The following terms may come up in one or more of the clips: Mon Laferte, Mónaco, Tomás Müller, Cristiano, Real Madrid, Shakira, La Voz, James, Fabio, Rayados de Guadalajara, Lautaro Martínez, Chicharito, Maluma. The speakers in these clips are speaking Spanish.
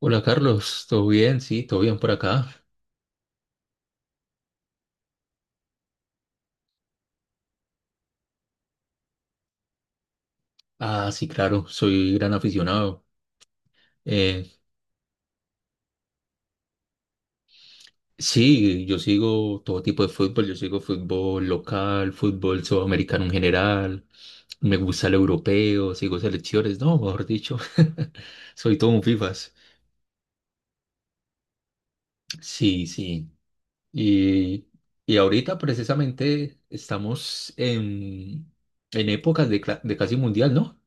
Hola Carlos, ¿todo bien? Sí, todo bien por acá. Ah, sí, claro, soy gran aficionado. Eh, sí, yo sigo todo tipo de fútbol, yo sigo fútbol local, fútbol sudamericano en general, me gusta el europeo, sigo selecciones, no, mejor dicho, soy todo un FIFAs. Sí, sí. Y, y ahorita precisamente estamos en épocas de casi mundial, ¿no?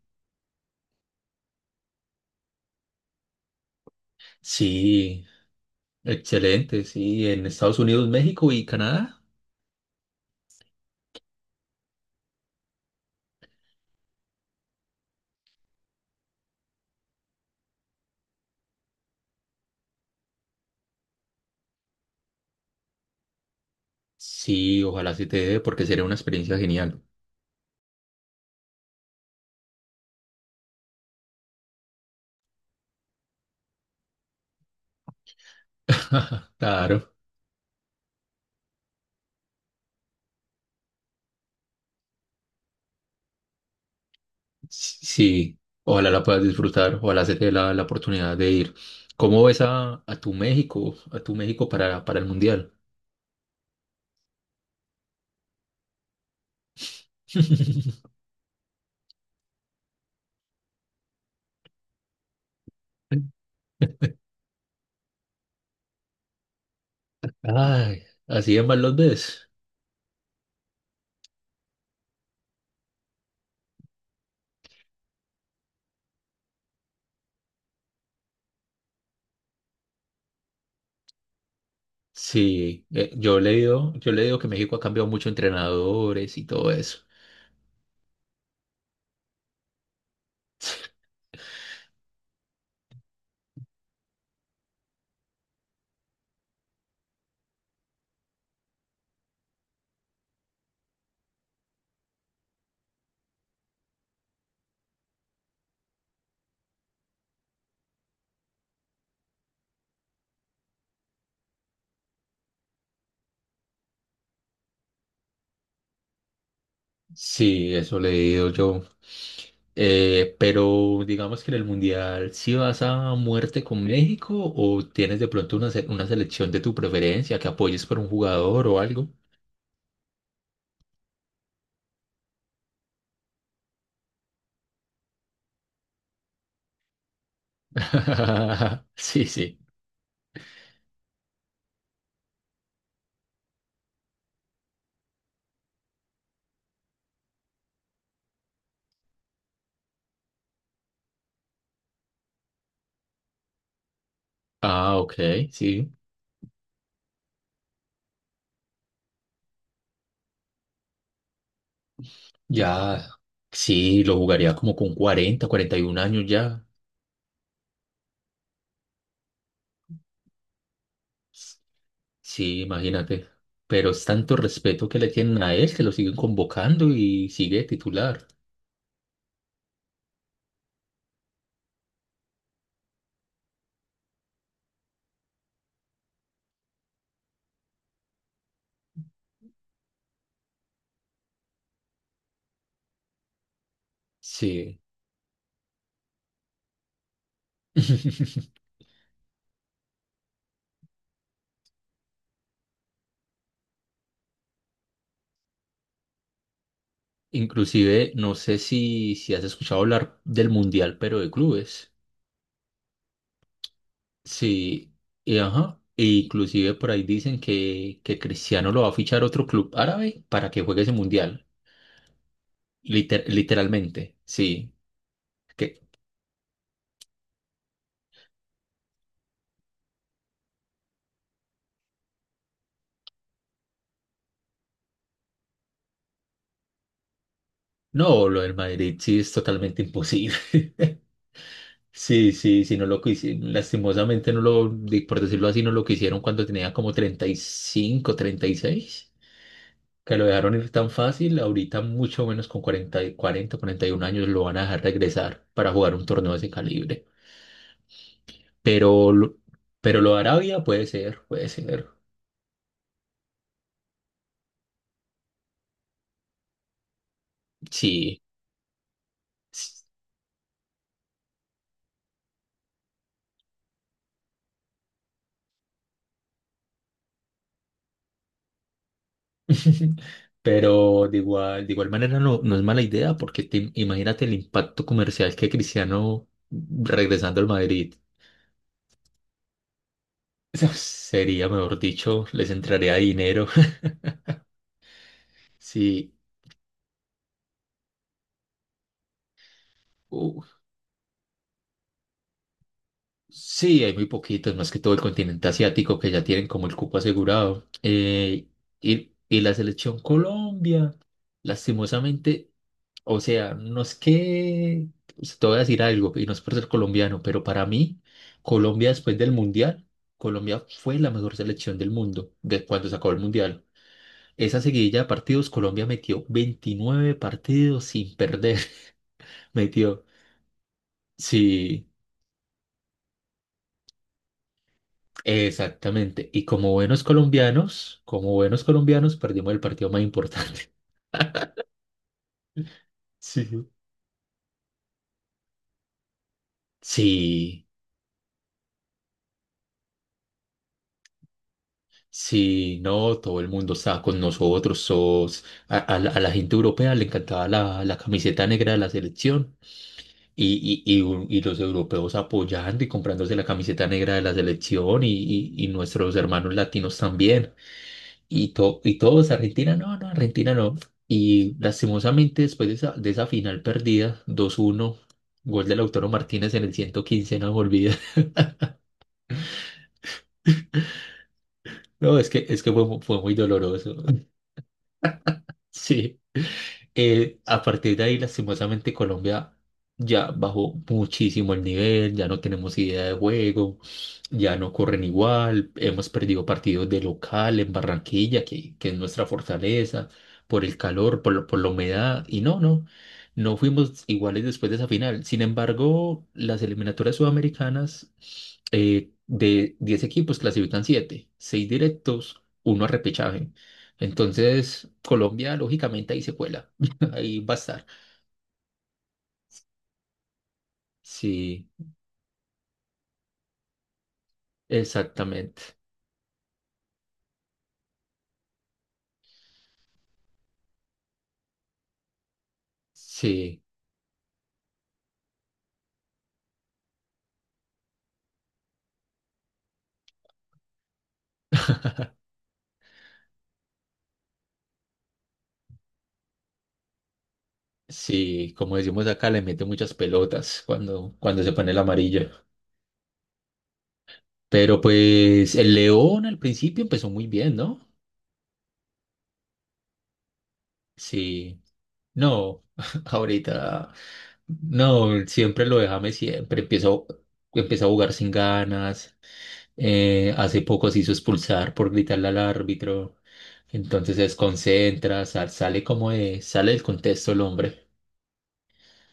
Sí, excelente, sí, en Estados Unidos, México y Canadá. Sí, ojalá sí te dé, porque sería una experiencia genial. Claro, sí, sí, ojalá la puedas disfrutar, ojalá se te dé la oportunidad de ir. ¿Cómo ves a tu México, a tu México para el Mundial? Ay, así de mal los ves. Sí, yo he leído, que México ha cambiado mucho entrenadores y todo eso. Sí, eso le he leído yo. Pero digamos que en el Mundial, ¿sí vas a muerte con México o tienes de pronto una selección de tu preferencia que apoyes por un jugador o algo? Sí, sí. Ah, ok, sí. Ya, sí, lo jugaría como con cuarenta, cuarenta y 41 años ya. Sí, imagínate. Pero es tanto respeto que le tienen a él que lo siguen convocando y sigue titular. Sí. Inclusive, no sé si, has escuchado hablar del Mundial, pero de clubes. Sí, y ajá. E inclusive por ahí dicen que Cristiano lo va a fichar otro club árabe para que juegue ese Mundial. Literalmente, sí. Que, no, lo del Madrid sí es totalmente imposible. Sí, sí, sí, no lo quisieron. Lastimosamente, no lo, por decirlo así, no lo quisieron cuando tenía como 30 35 36 que lo dejaron ir tan fácil, ahorita mucho menos con 40, y 40, 41 años lo van a dejar regresar para jugar un torneo de ese calibre. Pero, lo- pero lo de Arabia puede ser, puede ser. Sí. Pero de igual manera no es mala idea porque imagínate el impacto comercial que Cristiano regresando al Madrid. Sería, mejor dicho, les entraría dinero. Sí, u- sí, hay muy poquitos, más que todo el continente asiático que ya tienen como el cupo asegurado. Y la selección Colombia, lastimosamente, o sea, no es que, o sea, te voy a decir algo, y no es por ser colombiano, pero para mí, Colombia después del Mundial, Colombia fue la mejor selección del mundo de cuando se acabó el Mundial. Esa seguidilla de partidos, Colombia metió 29 partidos sin perder, metió, sí. Exactamente. Y como buenos colombianos, perdimos el partido más importante. Sí. Sí, sí, no, todo el mundo estaba con nosotros. A la gente europea le encantaba la camiseta negra de la selección y los europeos apoyando y comprándose la camiseta negra de la selección y nuestros hermanos latinos también. Y todos, Argentina no, no, Argentina no. Y lastimosamente después de esa, final perdida, 2-1, gol de Lautaro Martínez en el 115, no me olvida. No, es que fue muy doloroso. Sí. A partir de ahí, lastimosamente, Colombia ya bajó muchísimo el nivel, ya no tenemos idea de juego, ya no corren igual, hemos perdido partidos de local en Barranquilla, que es nuestra fortaleza, por el calor, por la humedad, y no fuimos iguales después de esa final. Sin embargo, las eliminatorias sudamericanas, de 10 equipos clasifican 7, 6 directos, uno a repechaje. Entonces, Colombia lógicamente ahí se cuela. Ahí va a estar. Sí, exactamente. Sí, sí, como decimos acá, le mete muchas pelotas cuando se pone el amarillo. Pero pues el León al principio empezó muy bien, ¿no? Sí, no, ahorita, no, siempre lo déjame, siempre empiezo, empieza a jugar sin ganas. Hace poco se hizo expulsar por gritarle al árbitro. Entonces se desconcentra, sale sale del contexto el hombre.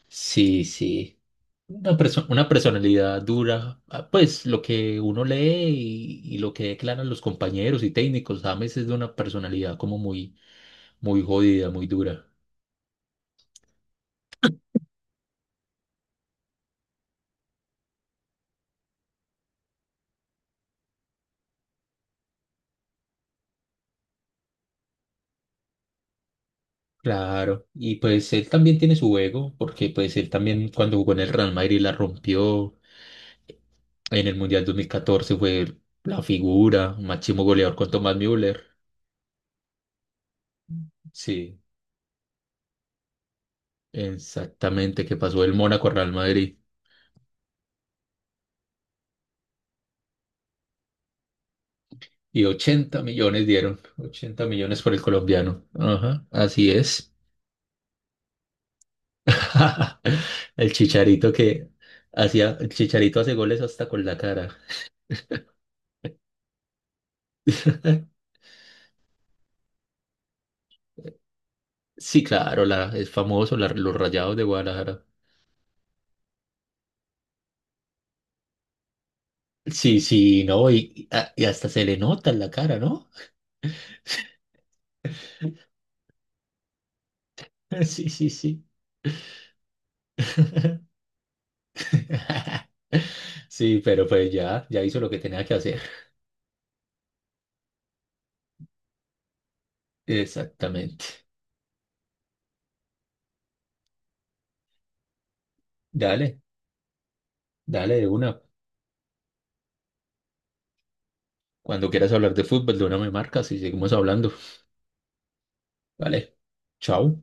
Sí, sí. Una personalidad dura, ah, pues lo que uno lee y lo que declaran los compañeros y técnicos, James es de una personalidad como muy, muy jodida, muy dura. Claro, y pues él también tiene su ego, porque pues él también cuando jugó en el Real Madrid la rompió, en el Mundial 2014 fue la figura, máximo goleador con Tomás Müller, sí, exactamente, que pasó del Mónaco al Real Madrid. Y 80 millones dieron, 80 millones por el colombiano. Ajá, así es. El Chicharito que el Chicharito hace goles hasta con la cara. Sí, claro, es famoso, los Rayados de Guadalajara. Sí, sí, no, y hasta se le nota en la cara, ¿no? Sí, sí, sí. Sí, pero pues ya, hizo lo que tenía que hacer. Exactamente. Dale, dale de una. Cuando quieras hablar de fútbol, de una me marcas y seguimos hablando. Vale, chao.